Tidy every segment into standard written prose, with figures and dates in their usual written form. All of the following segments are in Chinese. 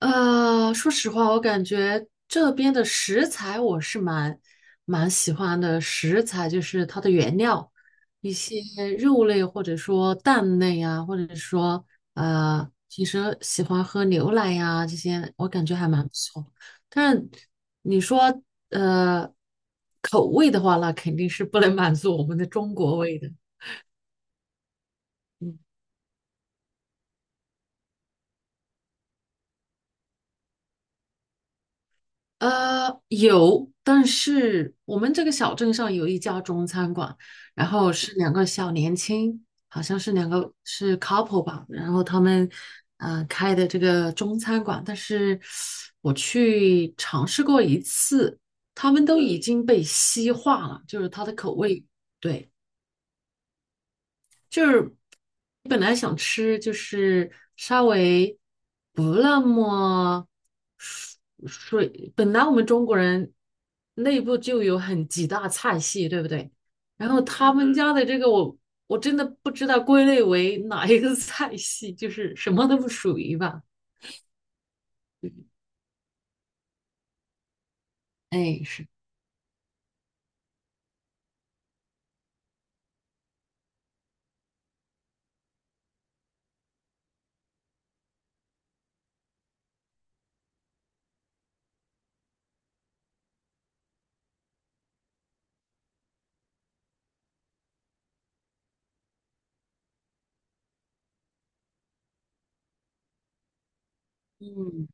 说实话，我感觉这边的食材我是蛮喜欢的。食材就是它的原料，一些肉类或者说蛋类啊，或者说平时喜欢喝牛奶呀、这些，我感觉还蛮不错。但是你说呃口味的话，那肯定是不能满足我们的中国味的。嗯。有，但是我们这个小镇上有一家中餐馆，然后是两个小年轻，好像是两个是 couple 吧，然后他们开的这个中餐馆，但是我去尝试过一次，他们都已经被西化了，就是它的口味，对。就是本来想吃，就是稍微不那么水本来我们中国人内部就有很几大菜系，对不对？然后他们家的这个我真的不知道归类为哪一个菜系，就是什么都不属于吧。哎，是，嗯。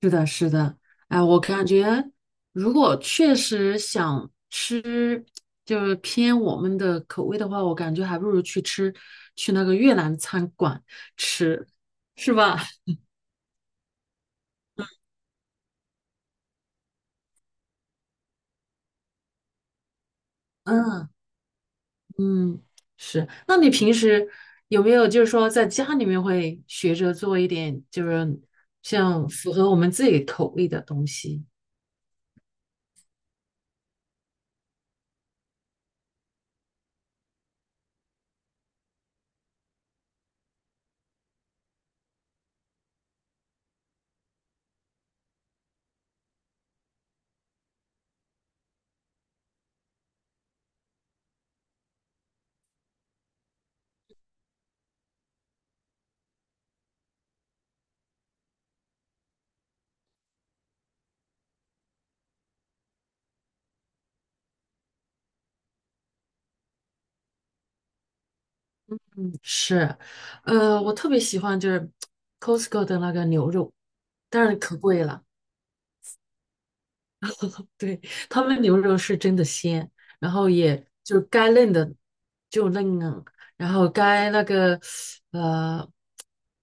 是的，是的，哎，我感觉如果确实想吃，就是偏我们的口味的话，我感觉还不如去吃去那个越南餐馆吃，是吧？嗯嗯，是。那你平时有没有就是说在家里面会学着做一点，就是像符合我们自己口味的东西？是，我特别喜欢就是 Costco 的那个牛肉，当然可贵了。对，他们牛肉是真的鲜，然后也就是该嫩的就嫩啊，然后该那个呃，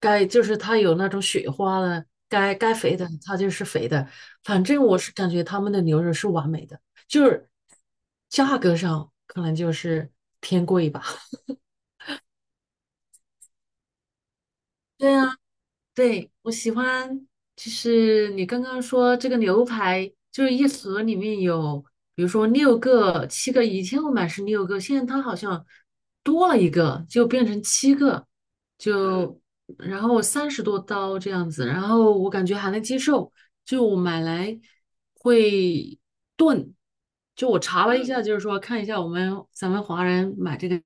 就是它有那种雪花的，该肥的它就是肥的，反正我是感觉他们的牛肉是完美的，就是价格上可能就是偏贵吧。对呀。对，我喜欢，就是你刚刚说这个牛排，就是一盒里面有，比如说六个、七个，以前我买是六个，现在它好像多了一个，就变成七个，就然后三十多刀这样子，然后我感觉还能接受，就我买来会炖，就我查了一下，就是说看一下我们咱们华人买这个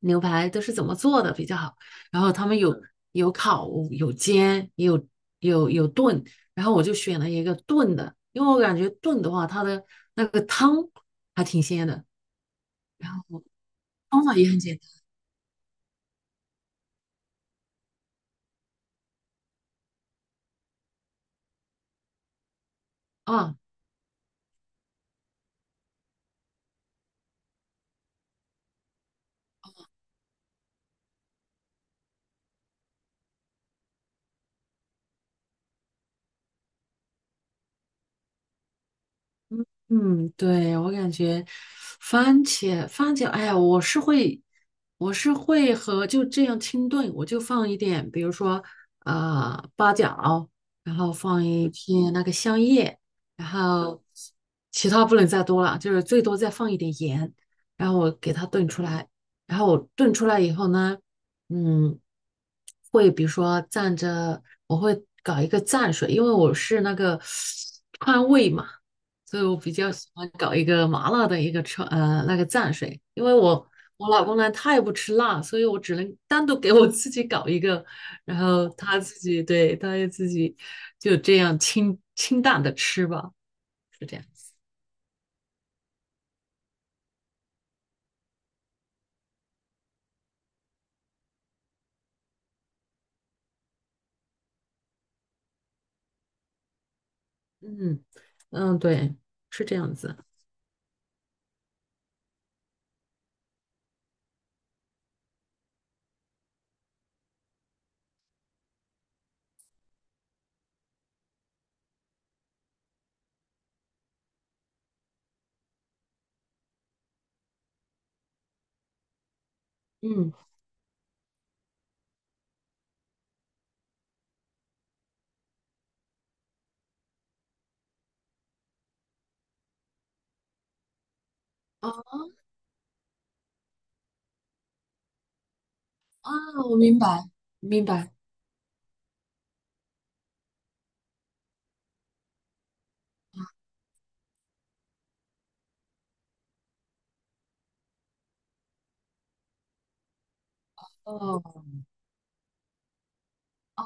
牛排都是怎么做的比较好。然后他们有烤，有煎，也有炖，然后我就选了一个炖的，因为我感觉炖的话，它的那个汤还挺鲜的，方法也很简单啊。嗯，对，我感觉番茄，番茄，哎呀，我是会和就这样清炖，我就放一点，比如说啊八角，然后放一片那个香叶，然后其他不能再多了，就是最多再放一点盐，然后我给它炖出来，然后我炖出来以后呢，嗯，会比如说蘸着，我会搞一个蘸水，因为我是那个 川味嘛。所以我比较喜欢搞一个麻辣的一个川那个蘸水，因为我老公呢他也不吃辣，所以我只能单独给我自己搞一个，然后他自己对他也自己就这样清清淡的吃吧，是这样子。嗯嗯，对，是这样子。嗯啊啊，我明白明白。哦啊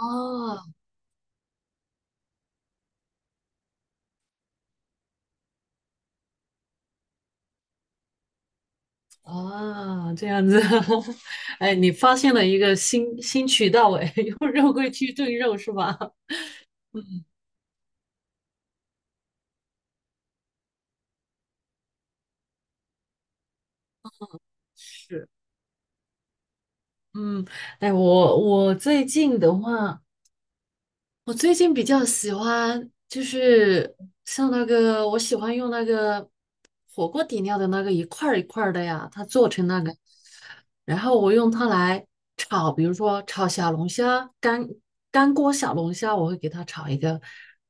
啊，这样子，哎，你发现了一个新渠道哎，用肉桂去炖肉是吧？嗯是，嗯，哎，我最近的话，我最近比较喜欢就是像那个，我喜欢用那个火锅底料的那个一块儿一块儿的呀，它做成那个，然后我用它来炒，比如说炒小龙虾，干锅小龙虾，我会给它炒一个，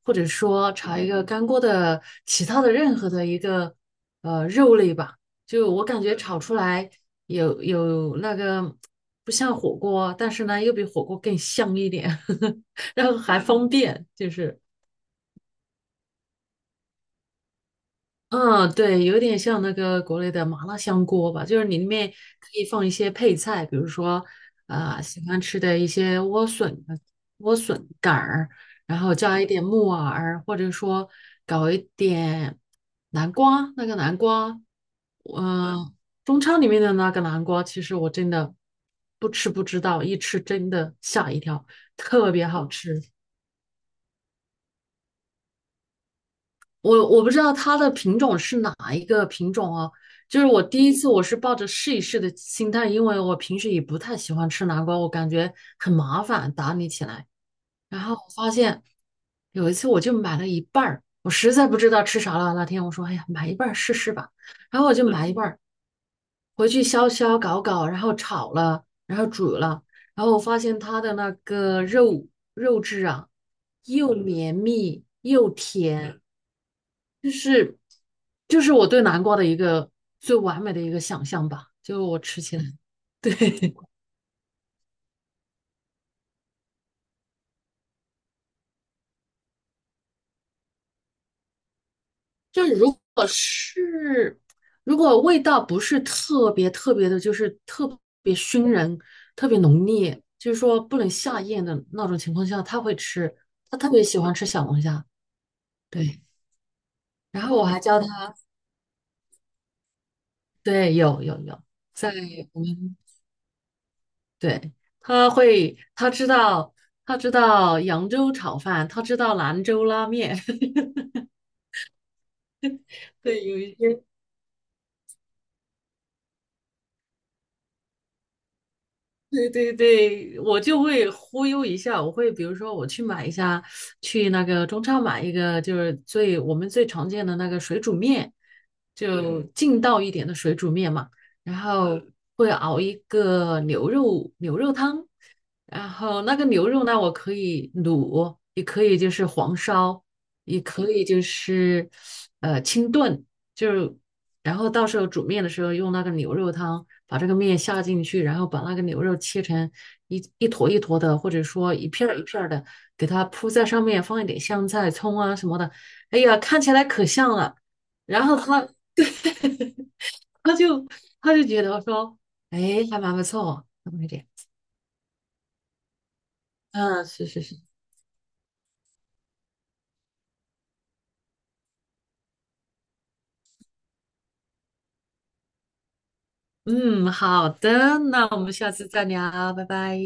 或者说炒一个干锅的其他的任何的一个肉类吧，就我感觉炒出来有那个不像火锅，但是呢又比火锅更香一点。然后还方便，就是嗯，对，有点像那个国内的麻辣香锅吧，就是你里面可以放一些配菜，比如说啊、喜欢吃的一些莴笋、莴笋杆儿，然后加一点木耳，或者说搞一点南瓜，那个南瓜，嗯、中超里面的那个南瓜，其实我真的不吃不知道，一吃真的吓一跳，特别好吃。我不知道它的品种是哪一个品种哦，就是我第一次我是抱着试一试的心态，因为我平时也不太喜欢吃南瓜，我感觉很麻烦打理起来。然后我发现有一次我就买了一半儿，我实在不知道吃啥了。那天我说，哎呀，买一半儿试试吧。然后我就买一半儿回去削削搞搞，然后炒了，然后煮了，然后我发现它的那个肉质啊，又绵密又甜。就是我对南瓜的一个最完美的一个想象吧，就是我吃起来，对，就是如果味道不是特别特别的，就是特别熏人、特别浓烈，就是说不能下咽的那种情况下，他会吃，他特别喜欢吃小龙虾，对，然后我还教他，对，有有有，在我们对，他会他知道他知道扬州炒饭，他知道兰州拉面。对，有一些对对对，我就会忽悠一下，我会比如说我去买一下，去那个中超买一个，就是我们最常见的那个水煮面，就劲道一点的水煮面嘛，然后会熬一个牛肉汤，然后那个牛肉呢，我可以卤，也可以就是黄烧，也可以就是清炖，就是。然后到时候煮面的时候用那个牛肉汤把这个面下进去，然后把那个牛肉切成一坨一坨的，或者说一片儿一片儿的，给它铺在上面，放一点香菜、葱啊什么的。哎呀，看起来可像了。然后他就他觉得说，哎，还蛮不错，那么一点。嗯，是是是，嗯，好的，那我们下次再聊，拜拜。